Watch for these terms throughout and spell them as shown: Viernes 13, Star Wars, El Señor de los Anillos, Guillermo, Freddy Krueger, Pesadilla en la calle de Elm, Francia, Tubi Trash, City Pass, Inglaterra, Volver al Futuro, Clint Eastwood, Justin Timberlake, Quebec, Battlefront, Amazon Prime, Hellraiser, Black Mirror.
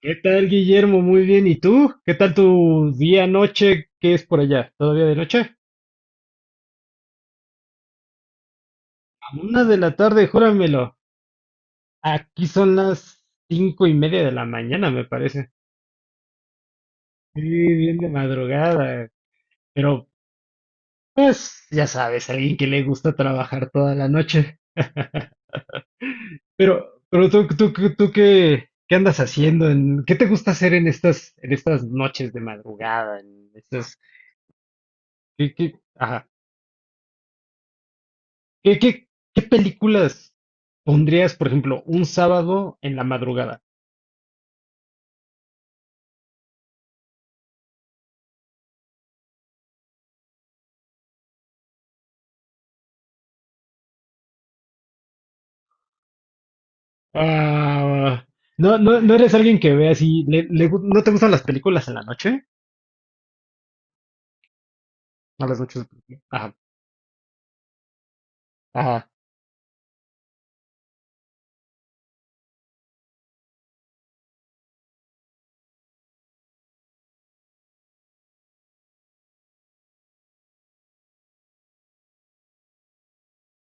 ¿Qué tal, Guillermo? Muy bien. ¿Y tú? ¿Qué tal tu día, noche? ¿Qué es por allá? ¿Todavía de noche? A una de la tarde, júramelo. Aquí son las cinco y media de la mañana, me parece. Sí, bien de madrugada. Pero, pues, ya sabes, alguien que le gusta trabajar toda la noche. Pero tú ¿qué andas haciendo? ¿Qué te gusta hacer en estas noches de madrugada? En estas, ¿qué, qué? ¿Qué, qué, qué películas pondrías, por ejemplo, un sábado en la madrugada? Ah, no, eres alguien que ve así, ¿no te gustan las películas en la noche? No, las noches película. Ajá, ajá,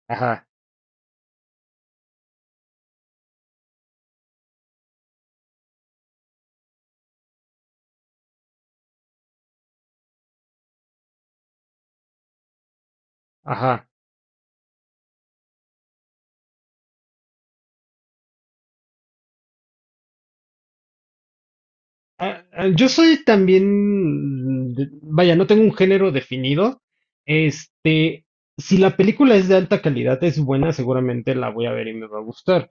ajá, ajá. Yo soy también, vaya, no tengo un género definido. Este, si la película es de alta calidad, es buena, seguramente la voy a ver y me va a gustar.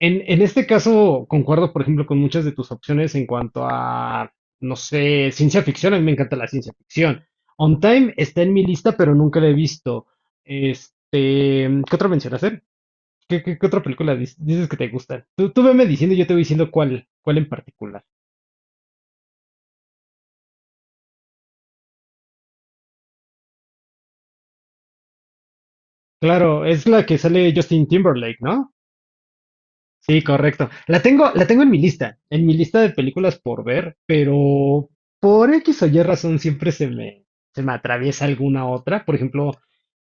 En este caso, concuerdo, por ejemplo, con muchas de tus opciones en cuanto a, no sé, ciencia ficción. A mí me encanta la ciencia ficción. On Time está en mi lista, pero nunca la he visto. Este, ¿qué otra mencionaste? ¿Qué otra película dices que te gusta? Tú veme diciendo y yo te voy diciendo cuál en particular. Claro, es la que sale Justin Timberlake, ¿no? Sí, correcto. La tengo en mi lista de películas por ver, pero por X o Y razón siempre se me atraviesa alguna otra. Por ejemplo,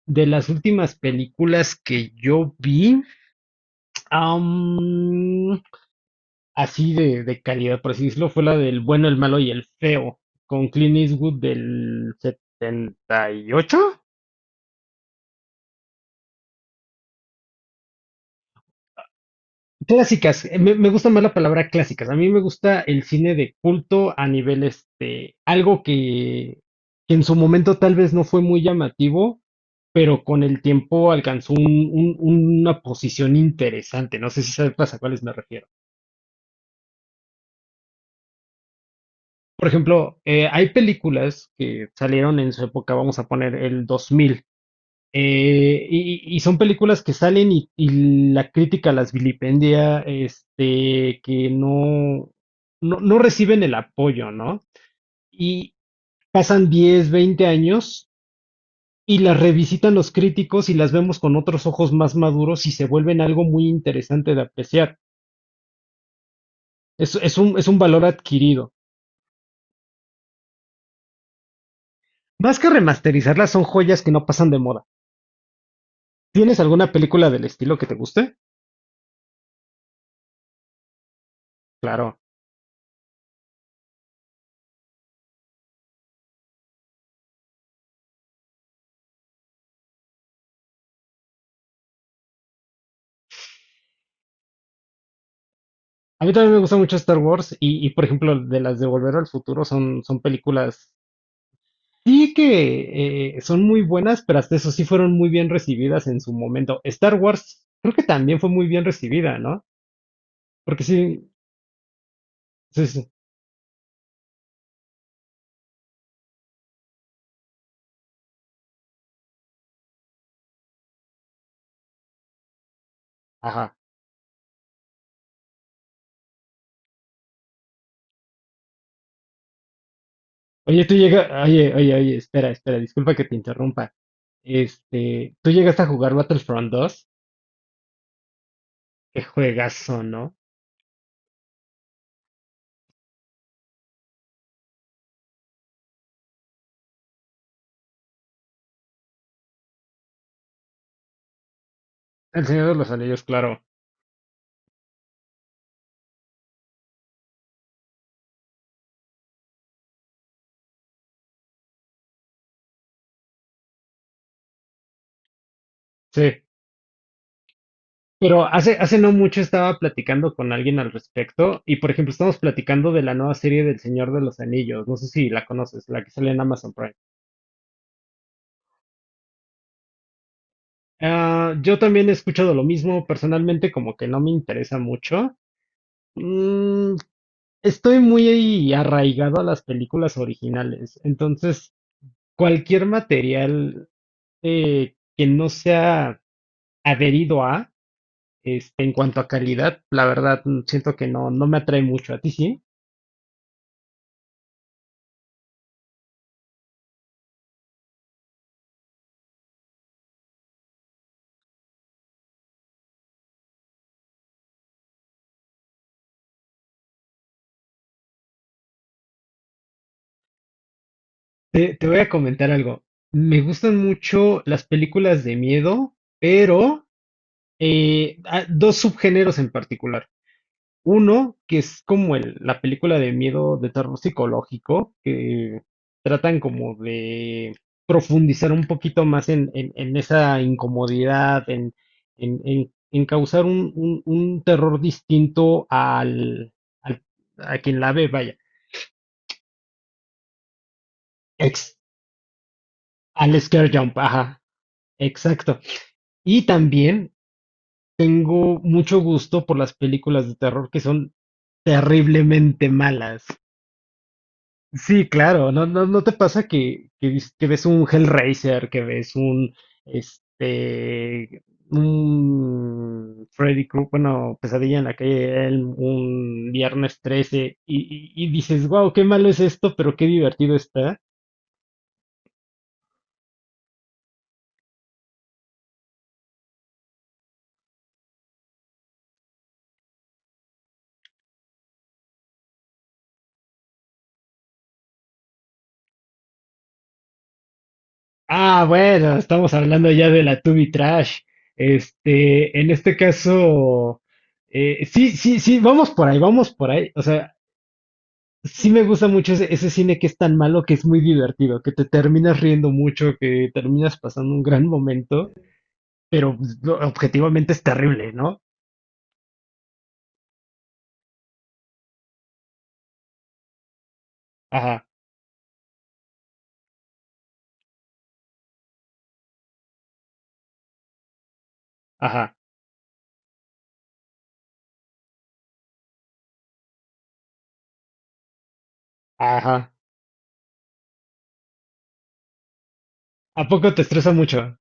de las últimas películas que yo vi, am, así de calidad, por así decirlo, fue la del bueno, el malo y el feo, con Clint Eastwood del 78. Clásicas, me gusta más la palabra clásicas. A mí me gusta el cine de culto a nivel este, algo que en su momento tal vez no fue muy llamativo, pero con el tiempo alcanzó una posición interesante. No sé si sabes a cuáles me refiero. Por ejemplo, hay películas que salieron en su época, vamos a poner el 2000. Y son películas que salen y la crítica las vilipendia, este, que no, no, no reciben el apoyo, ¿no? Y pasan 10, 20 años y las revisitan los críticos y las vemos con otros ojos más maduros y se vuelven algo muy interesante de apreciar. Es un valor adquirido. Más que remasterizarlas, son joyas que no pasan de moda. ¿Tienes alguna película del estilo que te guste? Claro. A mí también me gusta mucho Star Wars y, por ejemplo, de las de Volver al Futuro son, son películas, sí que son muy buenas, pero hasta eso sí fueron muy bien recibidas en su momento. Star Wars creo que también fue muy bien recibida, ¿no? Porque sí, sí, sí, ajá. Oye, tú llegas, oye, oye, oye, espera, espera, disculpa que te interrumpa. Este, ¿tú llegaste a jugar Battlefront 2? Qué juegazo, ¿no? El Señor de los Anillos, claro. Sí, pero hace no mucho estaba platicando con alguien al respecto y, por ejemplo, estamos platicando de la nueva serie del Señor de los Anillos. No sé si la conoces, la que sale en Amazon Prime. Ah, yo también he escuchado lo mismo, personalmente como que no me interesa mucho. Mm, estoy muy arraigado a las películas originales, entonces cualquier material que no sea adherido a, este, en cuanto a calidad, la verdad siento que no, no me atrae mucho. ¿A ti sí? Te voy a comentar algo. Me gustan mucho las películas de miedo, pero dos subgéneros en particular. Uno, que es como la película de miedo de terror psicológico, que tratan como de profundizar un poquito más en, en esa incomodidad, en, en causar un, un terror distinto al, al- a quien la ve, vaya. Ex- Al scare jump, ajá, exacto. Y también tengo mucho gusto por las películas de terror que son terriblemente malas. Sí, claro, no te pasa que, que ves un Hellraiser, que ves un, este, un Freddy Krueger, bueno, Pesadilla en la calle de Elm, un Viernes 13, y, y dices, wow, qué malo es esto, pero qué divertido está? Ah, bueno, estamos hablando ya de la Tubi Trash. Este, en este caso, sí, sí, sí, vamos por ahí, vamos por ahí. O sea, sí me gusta mucho ese, ese cine que es tan malo que es muy divertido, que te terminas riendo mucho, que terminas pasando un gran momento, pero pues, objetivamente es terrible, ¿no? Ajá, ajá, ajá. ¿A poco te estresa mucho?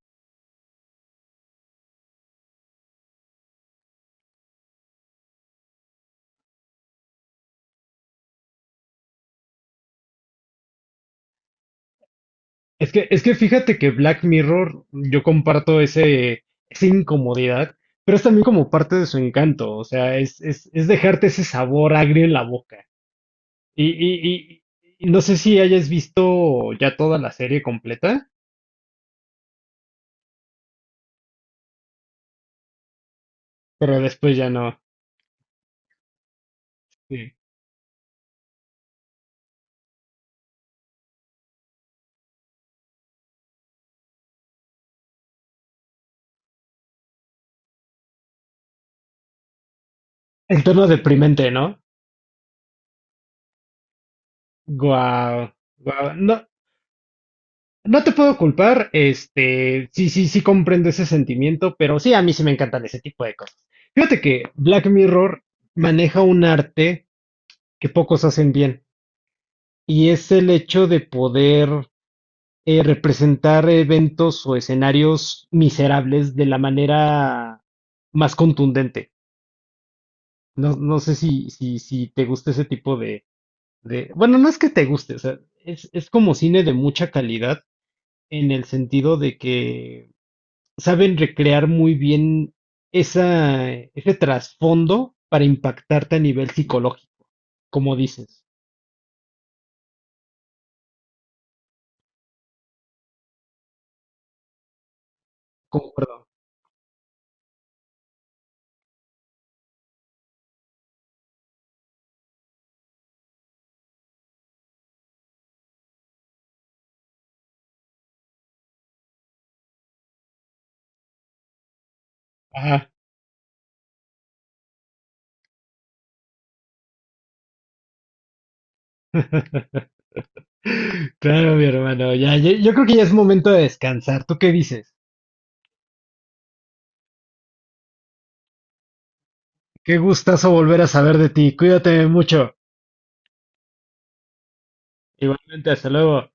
Es que fíjate que Black Mirror, yo comparto ese, esa incomodidad, pero es también como parte de su encanto, o sea, es dejarte ese sabor agrio en la boca. Y, y, y- y no sé si hayas visto ya toda la serie completa, pero después ya no. Sí. El tono deprimente, ¿no? Guau, guau. No, no te puedo culpar, este, sí, sí, sí comprendo ese sentimiento, pero sí, a mí sí me encantan ese tipo de cosas. Fíjate que Black Mirror maneja un arte que pocos hacen bien, y es el hecho de poder representar eventos o escenarios miserables de la manera más contundente. No, no sé si te gusta ese tipo de, bueno, no es que te guste, o sea, es como cine de mucha calidad en el sentido de que saben recrear muy bien esa, ese trasfondo para impactarte a nivel psicológico, como dices. Como, perdón. Ajá. Claro, mi hermano, ya, yo creo que ya es momento de descansar. ¿Tú qué dices? Qué gustazo volver a saber de ti. Cuídate mucho. Igualmente, hasta luego.